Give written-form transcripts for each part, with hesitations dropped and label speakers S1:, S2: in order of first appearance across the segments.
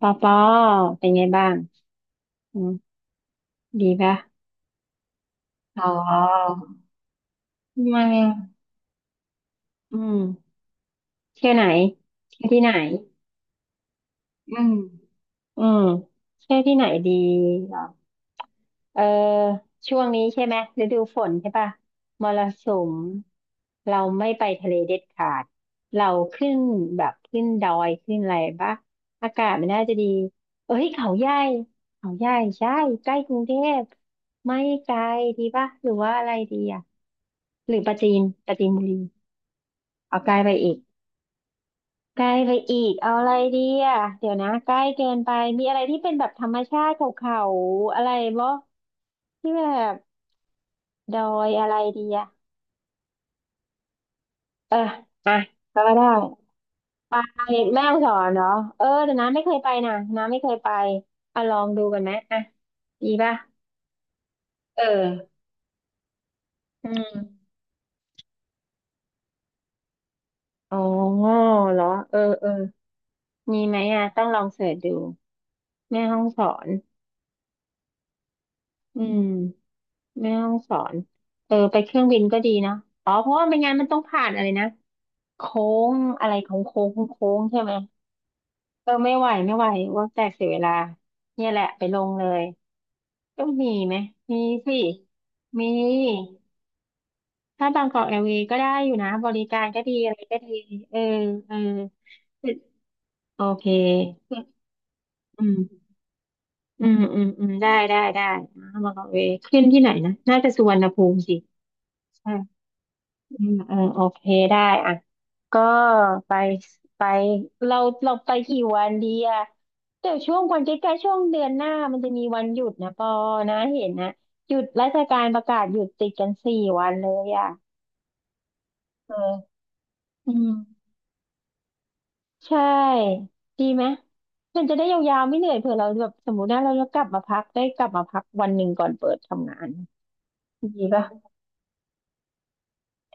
S1: ปอปอเป็นไงบ้าง อืมดีปะอ๋อไม่อืมเที่ยวไหนเที่ยวที่ไหน อืมอืมเที่ยวที่ไหนดีเหรอเออช่วงนี้ใช่ไหมฤดูฝนใช่ปะมรสุมเราไม่ไปทะเลเด็ดขาดเราขึ้นแบบขึ้นดอยขึ้นอะไรปะอากาศมันน่าจะดีเอ้ยเขาใหญ่เขาใหญ่ใช่ใกล้กรุงเทพไม่ไกลดีปะหรือว่าอะไรดีอ่ะ หรือปราจีนปราจีนบุรีเอาใกล้ไปอีกใกล้ไปอีกเอาอะไรดีอ่ะเดี๋ยวนะใกล้เกินไปมีอะไรที่เป็นแบบธรรมชาติเขาอะไรบ่ที่แบบดอยอะไรดีอ่ะเอออ่ะก็ได้ไปแม่ฮ่องสอนเหรอเออแต่น้าไม่เคยไปนะน้าไม่เคยไปอ่ะลองดูกันไหมอ่ะดีป่ะเอออืมอ๋อเหรอเออเออมีไหมอ่ะต้องลองเสิร์ชดูแม่ห้องสอนอืม แม่ฮ่องสอนเออไปเครื่องบินก็ดีนะอ๋อเพราะว่าไม่งั้นมันต้องผ่านอะไรนะโค้งอะไรของโค้งโค้งใช่ไหมเออไม่ไหวไม่ไหวว่าแตกเสียเวลาเนี่ยแหละไปลงเลยต้องมีไหมมีสิมีถ้าบางกอกแอร์เวย์ก็ได้อยู่นะบริการก็ดีอะไรก็ดีเออเออโอเคอืมอืมอืมอืมได้ได้ได้อ่าบางกอกแอร์เวย์ขึ้นที่ไหนนะน่าจะสุวรรณภูมิสิ อืมอืมโอเคได้อ่ะก็ไปไปเราเราไปกี่วันดีอ่ะเดี๋ยวช่วงวันใกล้ๆช่วงเดือนหน้ามันจะมีวันหยุดนะปอนะเห็นนะหยุดราชการประกาศหยุดติดกันสี่วันเลยอ่ะเอออืมใช่ดีไหมมันจะได้ยาวๆไม่เหนื่อยเผื่อเราแบบสมมตินะเราจะกลับมาพักได้กลับมาพักวันหนึ่งก่อนเปิดทำงานดีป่ะ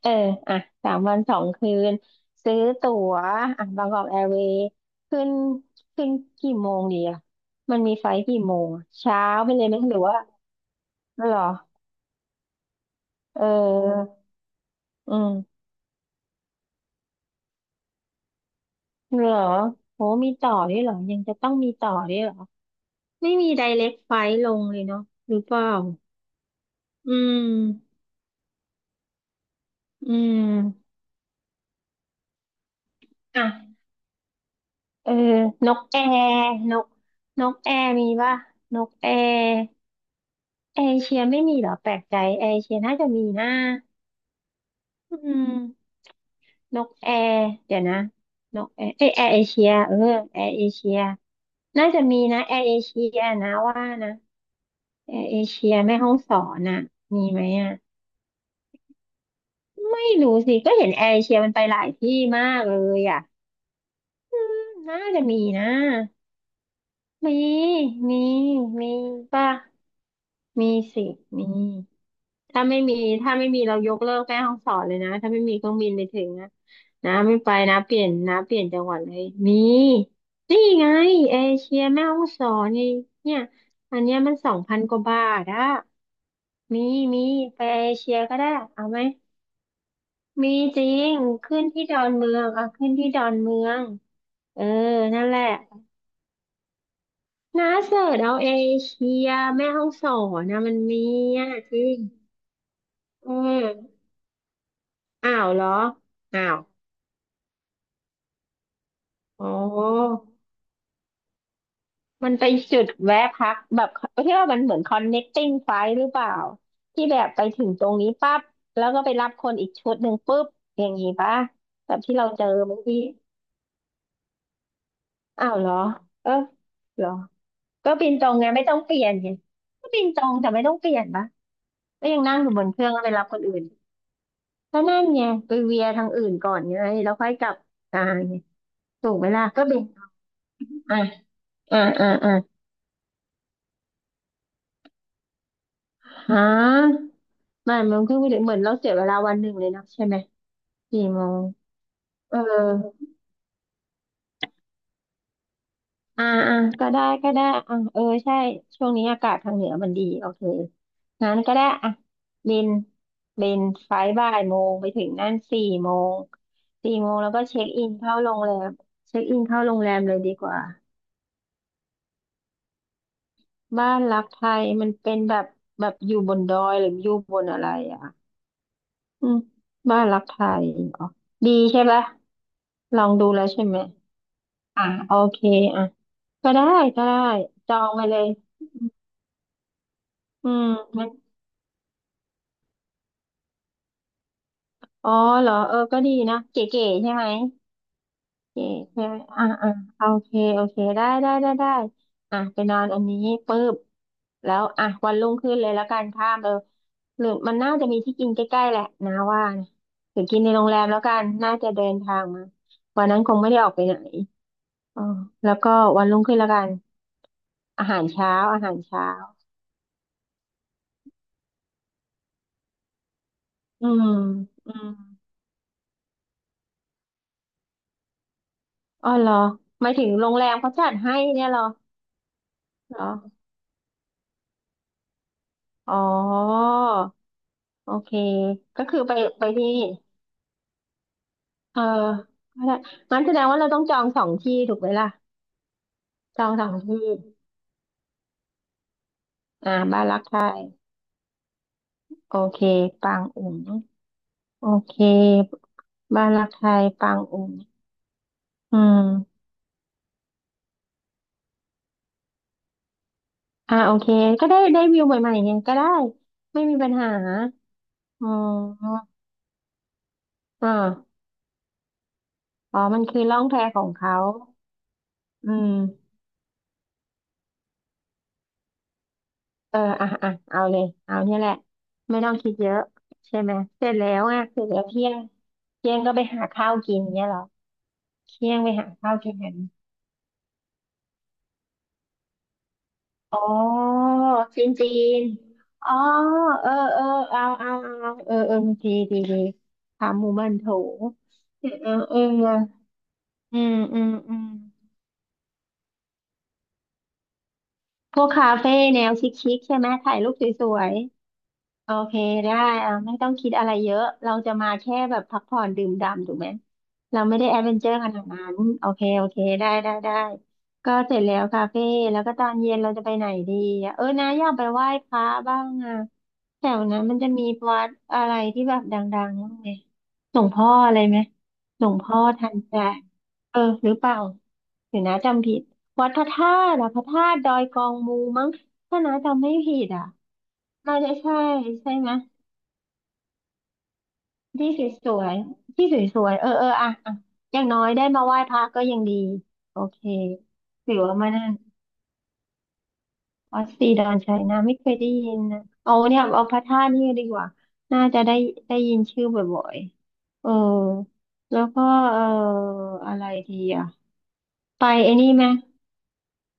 S1: เอออ่ะ สามวันสองคืน ซื้อตั๋วอ่ะบางกอกแอร์เวย์ขึ้น ขึ้นกี่โมงดีอ่ะมันมีไฟล์กี่โมงอะเช้าไปเลยไหมหรือว่าเหรอ เออ อืมเหรอโหมีต่อด้วยเหรอ ยังจะต้องมีต่อด้วยเหรอ ไม่มีไดเรกไฟล์ลงเลยเนาะหรือเปล่า อืม อืม อ่ะ เออ นกแอร์นก นกแอร์มีป่ะนกแอร์ แอร์เอเชียไม่มีเหรอแปลกใจแอร์เอเชียน่าจะมีนะอืมนกแอร์เดี๋ยวนะนกแอร์เอยแอร์เอเชียเออแอร์เอเชียน่าจะมีนะแอร์เอเชียนะว่านะแอร์เอเชียแม่ฮ่องสอนน่ะมีไหมอ่ะไม่รู้สิก็เห็นแอร์เอเชียมันไปหลายที่มากเลยอ่ะน่าจะมีนะมีมีมีป่ะมีสิมี ถ้าไม่มีถ้าไม่มีเรายกเลิกแม่ฮ่องสอนเลยนะถ้าไม่มีเครื่องบินไปถึงนะนะไม่ไปนะเปลี่ยนนะเปลี่ยนจังหวัดเลยมีนี่ไงเอเชียแม่ฮ่องสอนไงเนี่ยอันเนี้ยมันสองพันกว่าบาทอะมีมีไปเอเชียก็ได้เอาไหมมีจริงขึ้นที่ดอนเมืองอ่ะขึ้นที่ดอนเมืองเออนั่นแหละนะเสิร์ชเอาเอเชียแม่ฮ่องสอนนะมันมีอ่ะจริงเอออ้าวเหรออ้าว โอ้มันไปจุดแวะพักแบบที่ว่ามันเหมือน connecting flight หรือเปล่าที่แบบไปถึงตรงนี้ปั๊บแล้วก็ไปรับคนอีกชุดหนึ่งปุ๊บอย่างนี้ปะแบบที่เราเจอเมื่อกี้อ้าวเหรอเออเหรอก็บินตรงไงไม่ต้องเปลี่ยนไงก็บินตรงแต่ไม่ต้องเปลี่ยนปะก็ยังนั่งอยู่บนเครื่องแล้วไปรับคนอื่นก็นั่นไงไปเวียทางอื่นก่อนไงแล้วค่อยกลับอ่าไงถูกไหมล่ะก็บินอ่ะอ่าอ่าอ่าฮะ ไม่มันขึ้นไปถึงเหมือนเราเสียเวลาวันหนึ่งเลยนะใช่ไหมสี่โมงเอออ่าอ่าก็ได้ก็ได้อ่ะเออใช่ช่วงนี้อากาศทางเหนือมันดีโอเคงั้นก็ได้อ่ะบินบินไฟล์บ่ายโมงไปถึงนั่นสี่โมงสี่โมงแล้วก็เช็คอินเข้าโรงแรมเช็คอินเข้าโรงแรมเลยดีกว่าบ้านรักไทยมันเป็นแบบอยู่บนดอยหรืออยู่บนอะไรอ่ะอืมบ้านรักไทยอ๋อดีใช่ปะลองดูแล้วใช่ไหม อ่ะโอเคอ่ะก็ได้ก็ได้จองไปเลยอืมมันอ๋อเหรอเออก็ดีนะเก๋ๆใช่ไหมเก๋ใช่ไหมอ่ะอ่ะโอเคโอเคได้ได้ได้ได้อ่ะไปนอนอันนี้ปุ๊บแล้วอ่ะวันรุ่งขึ้นเลยแล้วกันข้ามเออหรือมันน่าจะมีที่กินใกล้ๆแหละนะว่านะหรือกินในโรงแรมแล้วกันน่าจะเดินทางมาวันนั้นคงไม่ได้ออกไปไหนอ๋อแล้วก็วันรุ่งขึ้นแล้วกันอาหารเช้าอืมอืม อ๋อเหรอหมายถึงโรงแรมเขาจัดให้เนี่ยเหรอเหรออ๋อโอเคก็คือไปไปที่เออก็ได้งั้นแสดงว่าเราต้องจองสองที่ถูกไหมล่ะจองสองที่อ่าบ้านรักไทยโอเคปางอุ๋งโอเคบ้านรักไทยปางอุ๋งอืมอ่าโอเคก็ได้ได้วิวใหม่ๆไงก็ได้ไม่มีปัญหาอ๋ออ่าอ๋อมันคือล่องแพของเขาอืม อ่ะอ่ะเอาเลย เอาเนี่ยแหละไม่ต้องคิดเยอะใช่ไหมเสร็จแล้วอ่ะเสร็จแล้วเที่ยงเที่ยงก็ไปหาข้าวกินเนี่ยเหรอเที่ยงไปหาข้าวกินกันอ๋อจีนจีนอ๋อ เออเออเอาเอาเอาเออเออดีดีดีขาหมูบ้านโถเออเออเอออืมอืมอืมพวกคาเฟ่แนวชิคๆใช่ไหมถ่ายรูปสวย โอเคได้อ่ะไม่ต้องคิดอะไรเยอะเราจะมาแค่แบบพักผ่อนดื่มด่ำถูกไหมเราไม่ได้แอดเวนเจอร์ขนาดนั้นโอเคโอเคได้ได้ได้ก็เสร็จแล้วคาเฟ่แล้วก็ตอนเย็นเราจะไปไหนดีอ่ะเออนะอยากไปไหว้พระบ้างอ่ะแถวนั้นมันจะมีวัดอะไรที่แบบดังๆบ้างไหมหลวงพ่ออะไรไหมหลวงพ่อทันใจเออหรือเปล่าหรือนะจำผิดวัดพระธาตุอ่ะพระธาตุดอยกองมูมั้งถ้านะจำไม่ผิดอ่ะ น่าจะใช่ใช่ไหมที่สวยๆที่สวยๆเออเอออ่ะอ่ะอย่างน้อยได้มาไหว้พระก็ยังดีโอเคถือว่ามานั่นวัดศรีดอนชัยนะไม่เคยได้ยินนะเอาเนี่ยเอาพระธาตุนี่ดีกว่าน่าจะได้ได้ยินชื่อบ่อยๆเออแล้วก็เอออะไรดีอ่ะไปไอ้นี่ไหม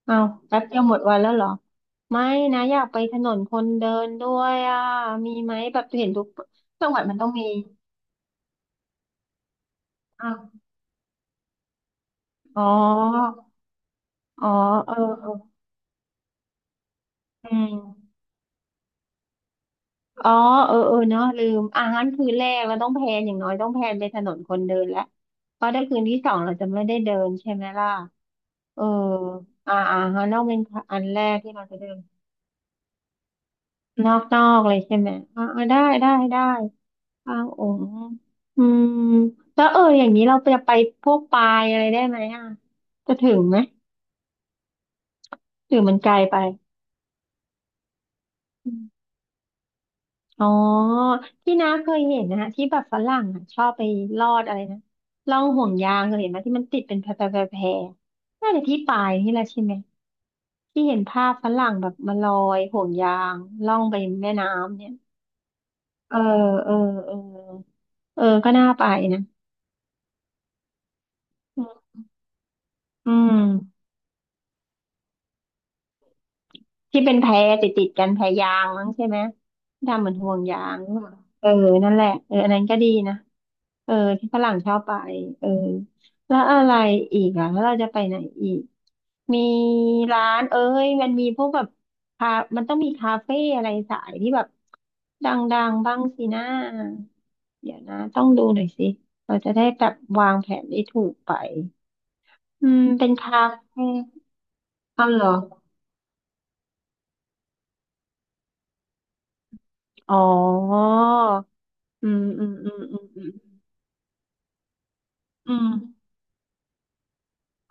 S1: เอาแป๊บเดียวหมดวันแล้วเหรอไม่นะอยากไปถนนคนเดินด้วยอ่ะมีไหมแบบเห็นทุกจังหวัดมันต้องมี อ๋ออ๋อ เออเอออืมอ๋อเออเออเนาะลืมอ่ะงั้นคืนแรกเราต้องแพลนอย่างน้อยต้องแพลนไปถนนคนเดินแล้วเพราะถ้าคืนที่สองเราจะไม่ได้เดินใช่ไหมล่ะเอออ่าอ่าฮะนอกเป็นอันแรกที่เราจะเดินนอกนอกเลยใช่ไหมอ่าอ่าได้ได้ได้อ้าวโอ๋งอืมแล้วเอออย่างนี้เราจะไปพวกปายอะไรได้ไหมอ่ะจะถึงไหมหรือมันไกลไป อ๋อที่น้าเคยเห็นนะฮะที่แบบฝรั่งอ่ะชอบไปลอดอะไรนะล่องห่วงยางเคยเห็นไหมที่มันติดเป็นแพรแพรแพรแพรน่าจะที่ปายนี่แหละใช่ไหมที่เห็นภาพฝรั่งแบบมาลอยห่วงยางล่องไปแม่น้ำเนี่ยเออเออเออเออก็น่าไปนะอืมอืมที่เป็นแพติดกันแพยางมั้งใช่ไหมที่ทำเหมือนห่วงยางหรือเปล่าเออนั่นแหละเอออันนั้นก็ดีนะ เออที่ฝรั่งชอบไปเออแล้วอะไรอีกอ่ะแล้วเราจะไปไหนอีกมีร้านเอ้ยมันมีพวกแบบคามันต้องมีคาเฟ่อะไรสายที่แบบดังๆบ้างสินะเดี๋ยวนะต้องดูหน่อยสิเราจะได้แบบวางแผนได้ถูกไปอืมเป็นคาเฟ่เอาเหรออ๋ออืมอืมอืมอืมอืม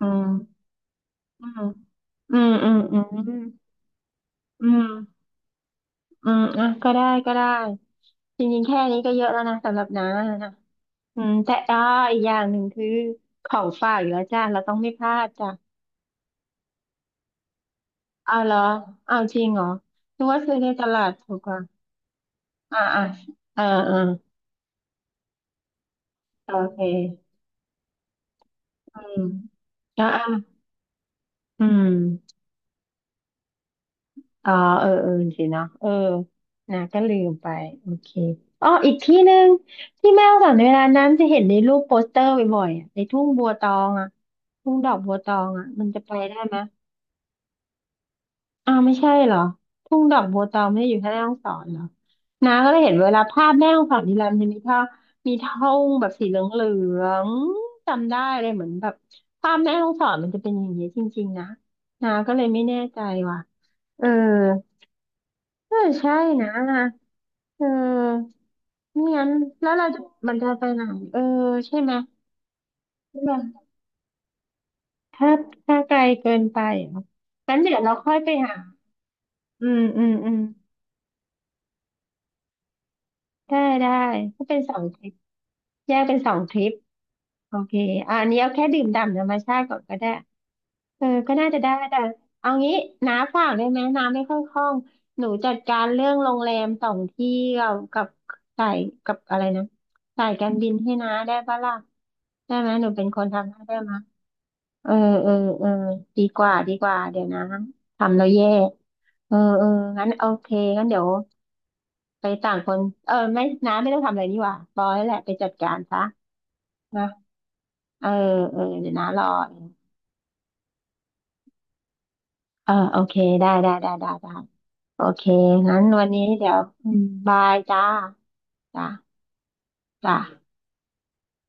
S1: อืมอืมอืมอืมอืมอืมอืม อืมอ่ะก็ได้ก็ได้จริงๆแค่นี้ก็เยอะแล้วนะสำหรับน้านะอืมแต่อ้ออีกอย่างหนึ่งคือของฝากอยู่แล้วจ้าเราต้องไม่พลาดจ้ะเอาเหรอเอาจริงเหรอนึกว่าซื้อในตลาดถูกกว่าอ่าอ่าเออเออโอเคอืมแล้วอ่ะอืม อ๋อเออเออสิเนาะเออนะก็ลืมไปโอเคอ๋ออีกที่หนึ่งที่แม่ฮ่องสอนเวลานั้นจะเห็นในรูปโปสเตอร์บ่อยๆอะในทุ่งบัวตองอ่ะทุ่งดอกบัวตองอ่ะมันจะไปได้ไหมอ้าวไม่ใช่เหรอทุ่งดอกบัวตองไม่ได้อยู่แค่แม่ฮ่องสอนเหรอนาก็เลยเห็นเวลาภาพแม่ฮ่องสอนทีไรมันจะมีท่ามีท่งแบบสีเหลืองๆจำได้เลยเหมือนแบบภาพแม่ฮ่องสอนมันจะเป็นอย่างนี้จริงๆนะนาก็เลยไม่แน่ใจว่ะเออ เออใช่นะเออไม่งั้นแล้วเราจะมันจะไปไหนเออใช่ไหมใช่ไหมถ้าถ้าไกลเกินไปเหรองั้นเดี๋ยวเราค่อยไปหาอืมอืมอืมได้ได้ก็เป็นสองทริปแยกเป็นสองทริปโอเคอะอันนี้เอาแค่ดื่มด่ำธรรมชาติก่อนก็ได้เออก็น่าจะได้แต่เอางี้น้าฝากได้ไหมน้าไม่ค่อยคล่องหนูจัดการเรื่องโรงแรมสองที่กับกับสายกับอะไรนะสายการบินให้น้าได้ปะล่ะ ได้ไหมหนูเป็นคนทำให้ได้ไหมเออเออเออดีกว่าดีกว่าเดี๋ยวนะทำแล้วแย่เออเอองั้นโอเคงั้นเดี๋ยวไปต่างคนเออไม่น้าไม่ต้องทำอะไรนี่หว่าปล่อยแหละไปจัดการซะนะเออเออเดี๋ยวน้ารอเองเออโอเคได้ได้ได้ได้ได้โอเคงั้นวันนี้เดี๋ยวอืมบายจ้าจ้าจ้า